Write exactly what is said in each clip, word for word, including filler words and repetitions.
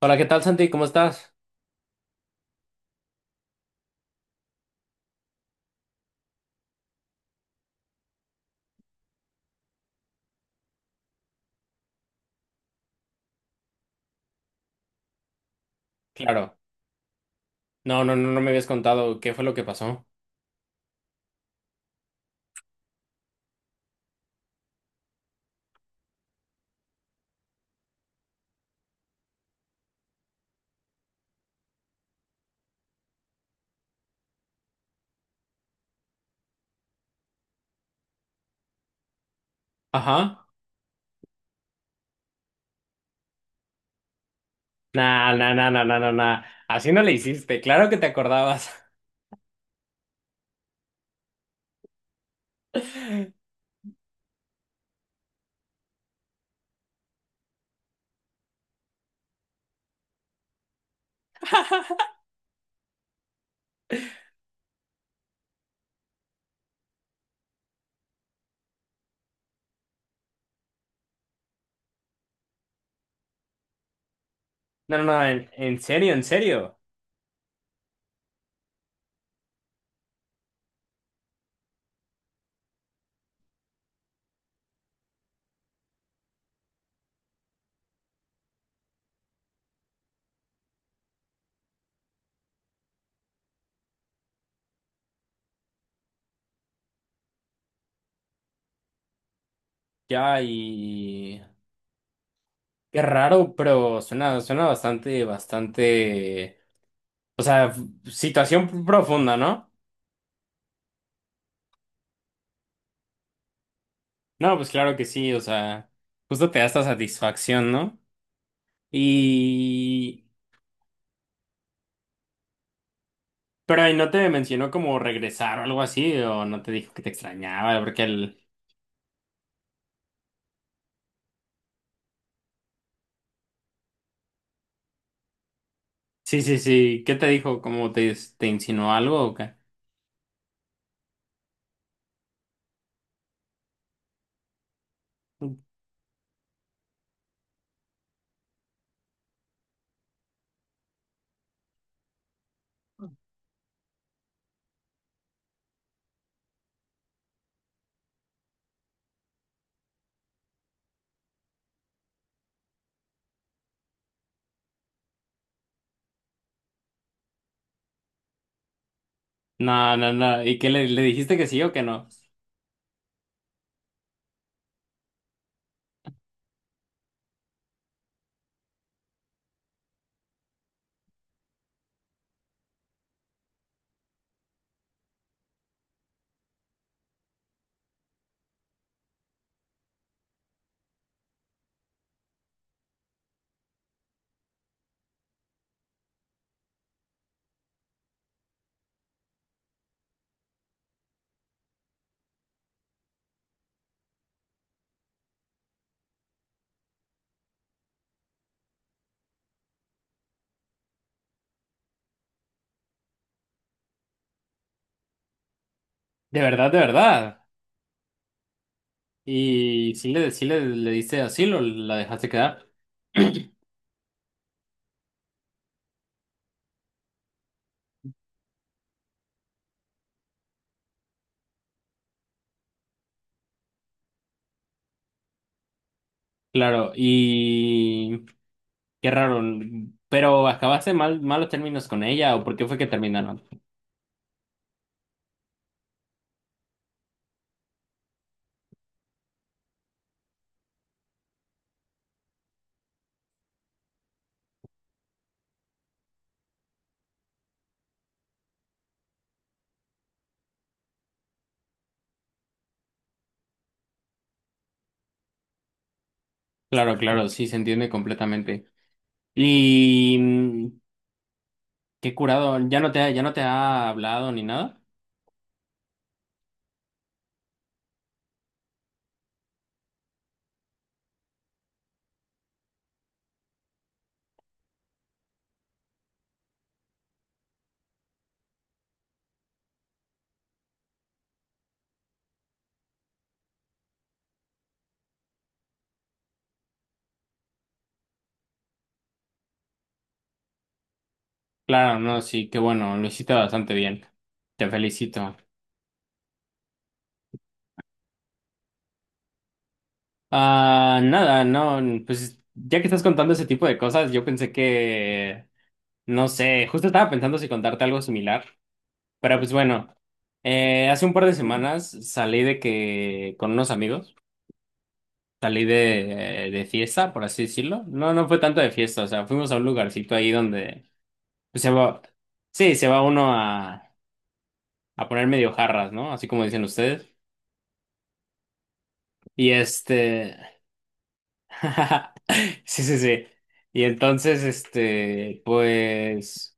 Hola, ¿qué tal, Santi? ¿Cómo estás? Claro. No, no, no, no me habías contado qué fue lo que pasó. Ajá. Nah, nah, nah, nah, nah, nah, nah. Así no le hiciste. Claro que te acordabas. No, no, no, en, en serio, en serio. Ya, y... Qué raro, pero suena, suena bastante, bastante... O sea, f- situación profunda, ¿no? No, pues claro que sí, o sea, justo te da esta satisfacción, ¿no? Y... Pero ahí no te mencionó como regresar o algo así, o no te dijo que te extrañaba, porque el... Sí, sí, sí, ¿qué te dijo? ¿Cómo te, te insinuó algo o qué? No, no, no, ¿y qué le, le dijiste que sí o que no? De verdad, de verdad. Y sí le, sí le, le diste asilo, la dejaste quedar. Claro, y qué raro, pero acabaste mal, malos términos con ella, o por qué fue que terminaron. Claro, claro, sí, se entiende completamente. Y qué curado, ya no te ha, ya no te ha, hablado ni nada. Claro, no, sí, qué bueno, lo hiciste bastante bien. Te felicito. Ah, nada, no, pues ya que estás contando ese tipo de cosas, yo pensé que, no sé, justo estaba pensando si contarte algo similar, pero pues bueno, eh, hace un par de semanas salí de que, con unos amigos, salí de, de fiesta, por así decirlo. No, no fue tanto de fiesta, o sea, fuimos a un lugarcito ahí donde, pues se va, sí, se va uno a a poner medio jarras, ¿no? Así como dicen ustedes. Y este, sí, sí, sí. Y entonces, este, pues,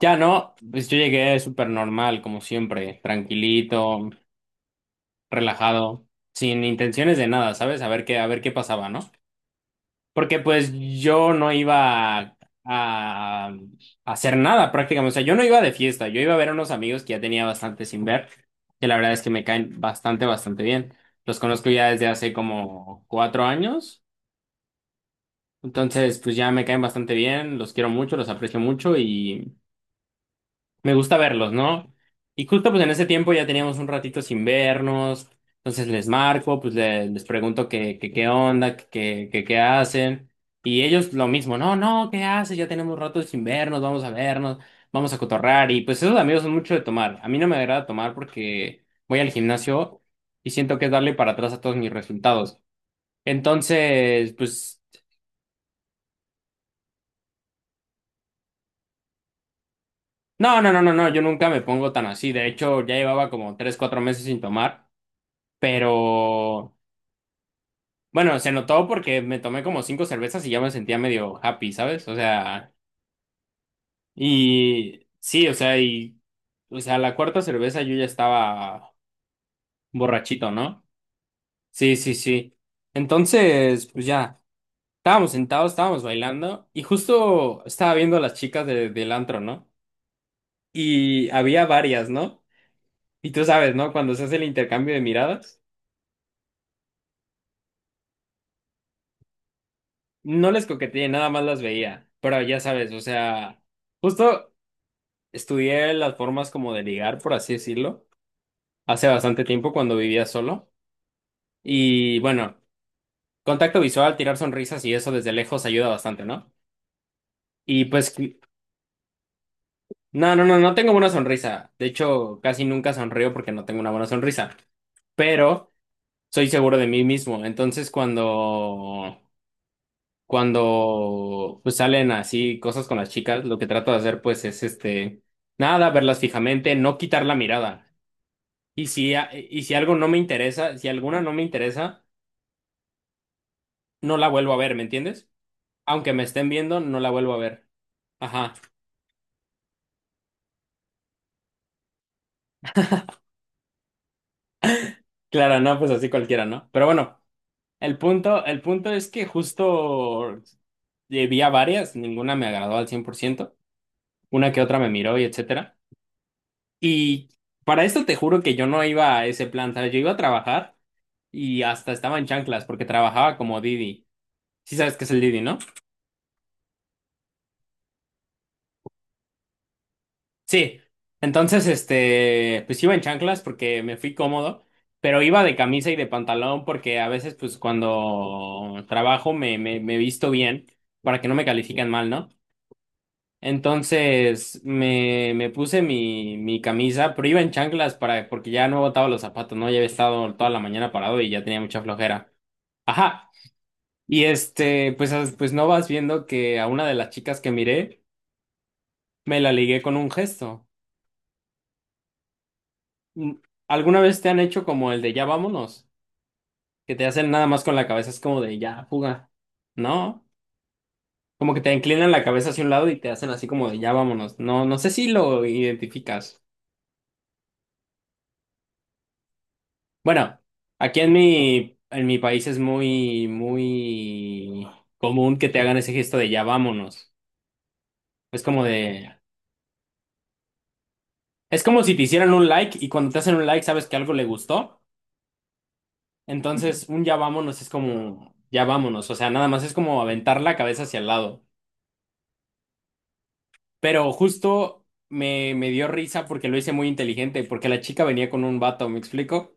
ya no, pues yo llegué súper normal, como siempre, tranquilito, relajado, sin intenciones de nada, ¿sabes? A ver qué, a ver qué, pasaba, ¿no? Porque pues yo no iba a, a hacer nada prácticamente. O sea, yo no iba de fiesta, yo iba a ver a unos amigos que ya tenía bastante sin ver, que la verdad es que me caen bastante, bastante bien. Los conozco ya desde hace como cuatro años, entonces pues ya me caen bastante bien, los quiero mucho, los aprecio mucho y... Me gusta verlos, ¿no? Y justo pues en ese tiempo ya teníamos un ratito sin vernos, entonces les marco, pues le- les pregunto qué, qué, qué onda, qué, qué, qué qué hacen, y ellos lo mismo, no, no, ¿qué haces? Ya tenemos rato sin vernos, vamos a vernos, vamos a cotorrar, y pues esos amigos son mucho de tomar. A mí no me agrada tomar porque voy al gimnasio y siento que es darle para atrás a todos mis resultados. Entonces, pues, no, no, no, no, no, yo nunca me pongo tan así, de hecho ya llevaba como tres, cuatro meses sin tomar, pero... Bueno, se notó porque me tomé como cinco cervezas y ya me sentía medio happy, ¿sabes? O sea, y sí, o sea, y, o sea, la cuarta cerveza yo ya estaba borrachito, ¿no? Sí, sí, sí. Entonces, pues ya, estábamos sentados, estábamos bailando y justo estaba viendo a las chicas de- del antro, ¿no? Y había varias, ¿no? Y tú sabes, ¿no? Cuando se hace el intercambio de miradas, no les coqueteé, nada más las veía, pero ya sabes, o sea... Justo estudié las formas como de ligar, por así decirlo, hace bastante tiempo cuando vivía solo. Y bueno, contacto visual, tirar sonrisas y eso desde lejos ayuda bastante, ¿no? Y pues, no, no, no, no tengo buena sonrisa. De hecho, casi nunca sonrío porque no tengo una buena sonrisa. Pero soy seguro de mí mismo. Entonces, cuando, cuando, pues, salen así cosas con las chicas, lo que trato de hacer pues es este, nada, verlas fijamente, no quitar la mirada. Y si, a- y si algo no me interesa, si alguna no me interesa, no la vuelvo a ver, ¿me entiendes? Aunque me estén viendo, no la vuelvo a ver. Ajá. Claro, no, pues así cualquiera, ¿no? Pero bueno, el punto, el punto es que justo eh, vi a varias, ninguna me agradó al cien por ciento. Una que otra me miró y etcétera. Y para esto te juro que yo no iba a ese plan, ¿sabes? Yo iba a trabajar y hasta estaba en chanclas porque trabajaba como Didi. Sí sabes qué es el Didi, ¿no? Sí, entonces, este, pues iba en chanclas porque me fui cómodo, pero iba de camisa y de pantalón porque a veces, pues cuando trabajo me, me, me, visto bien para que no me califiquen mal, ¿no? Entonces me, me puse mi, mi camisa, pero iba en chanclas para, porque ya no botaba los zapatos, ¿no? Ya había estado toda la mañana parado y ya tenía mucha flojera. Ajá. Y este, pues, as- pues no vas viendo que a una de las chicas que miré me la ligué con un gesto. Mm, ¿Alguna vez te han hecho como el de ya vámonos? Que te hacen nada más con la cabeza, es como de ya fuga, ¿no? Como que te inclinan la cabeza hacia un lado y te hacen así como de ya vámonos. No, no sé si lo identificas. Bueno, aquí en mi, en mi, país es muy, muy común que te hagan ese gesto de ya vámonos. Es como de, es como si te hicieran un like y cuando te hacen un like sabes que algo le gustó. Entonces un ya vámonos es como ya vámonos. O sea, nada más es como aventar la cabeza hacia el lado. Pero justo me, me, dio risa porque lo hice muy inteligente, porque la chica venía con un vato, ¿me explico?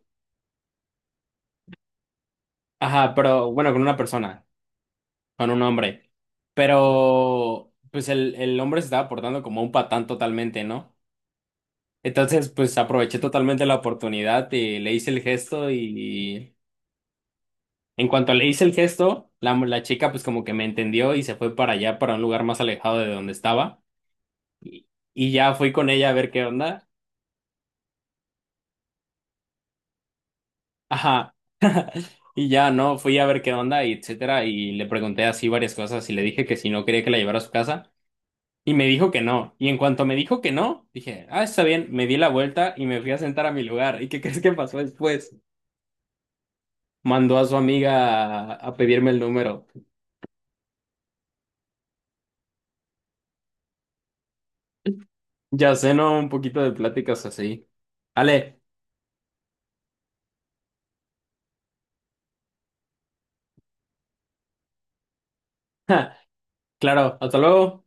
Ajá, pero bueno, con una persona, con un hombre. Pero pues el, el, hombre se estaba portando como un patán totalmente, ¿no? Entonces, pues aproveché totalmente la oportunidad y le hice el gesto y en cuanto le hice el gesto, la, la chica pues como que me entendió y se fue para allá, para un lugar más alejado de donde estaba. Y, y ya fui con ella a ver qué onda. Ajá. Y ya, ¿no? Fui a ver qué onda y etcétera, y le pregunté así varias cosas y le dije que si no quería que la llevara a su casa, y me dijo que no. Y en cuanto me dijo que no, dije, ah, está bien, me di la vuelta y me fui a sentar a mi lugar. ¿Y qué crees que pasó después? Mandó a su amiga a, a, pedirme el número. Ya sé, ¿no? Un poquito de pláticas así. Ale, claro, hasta luego.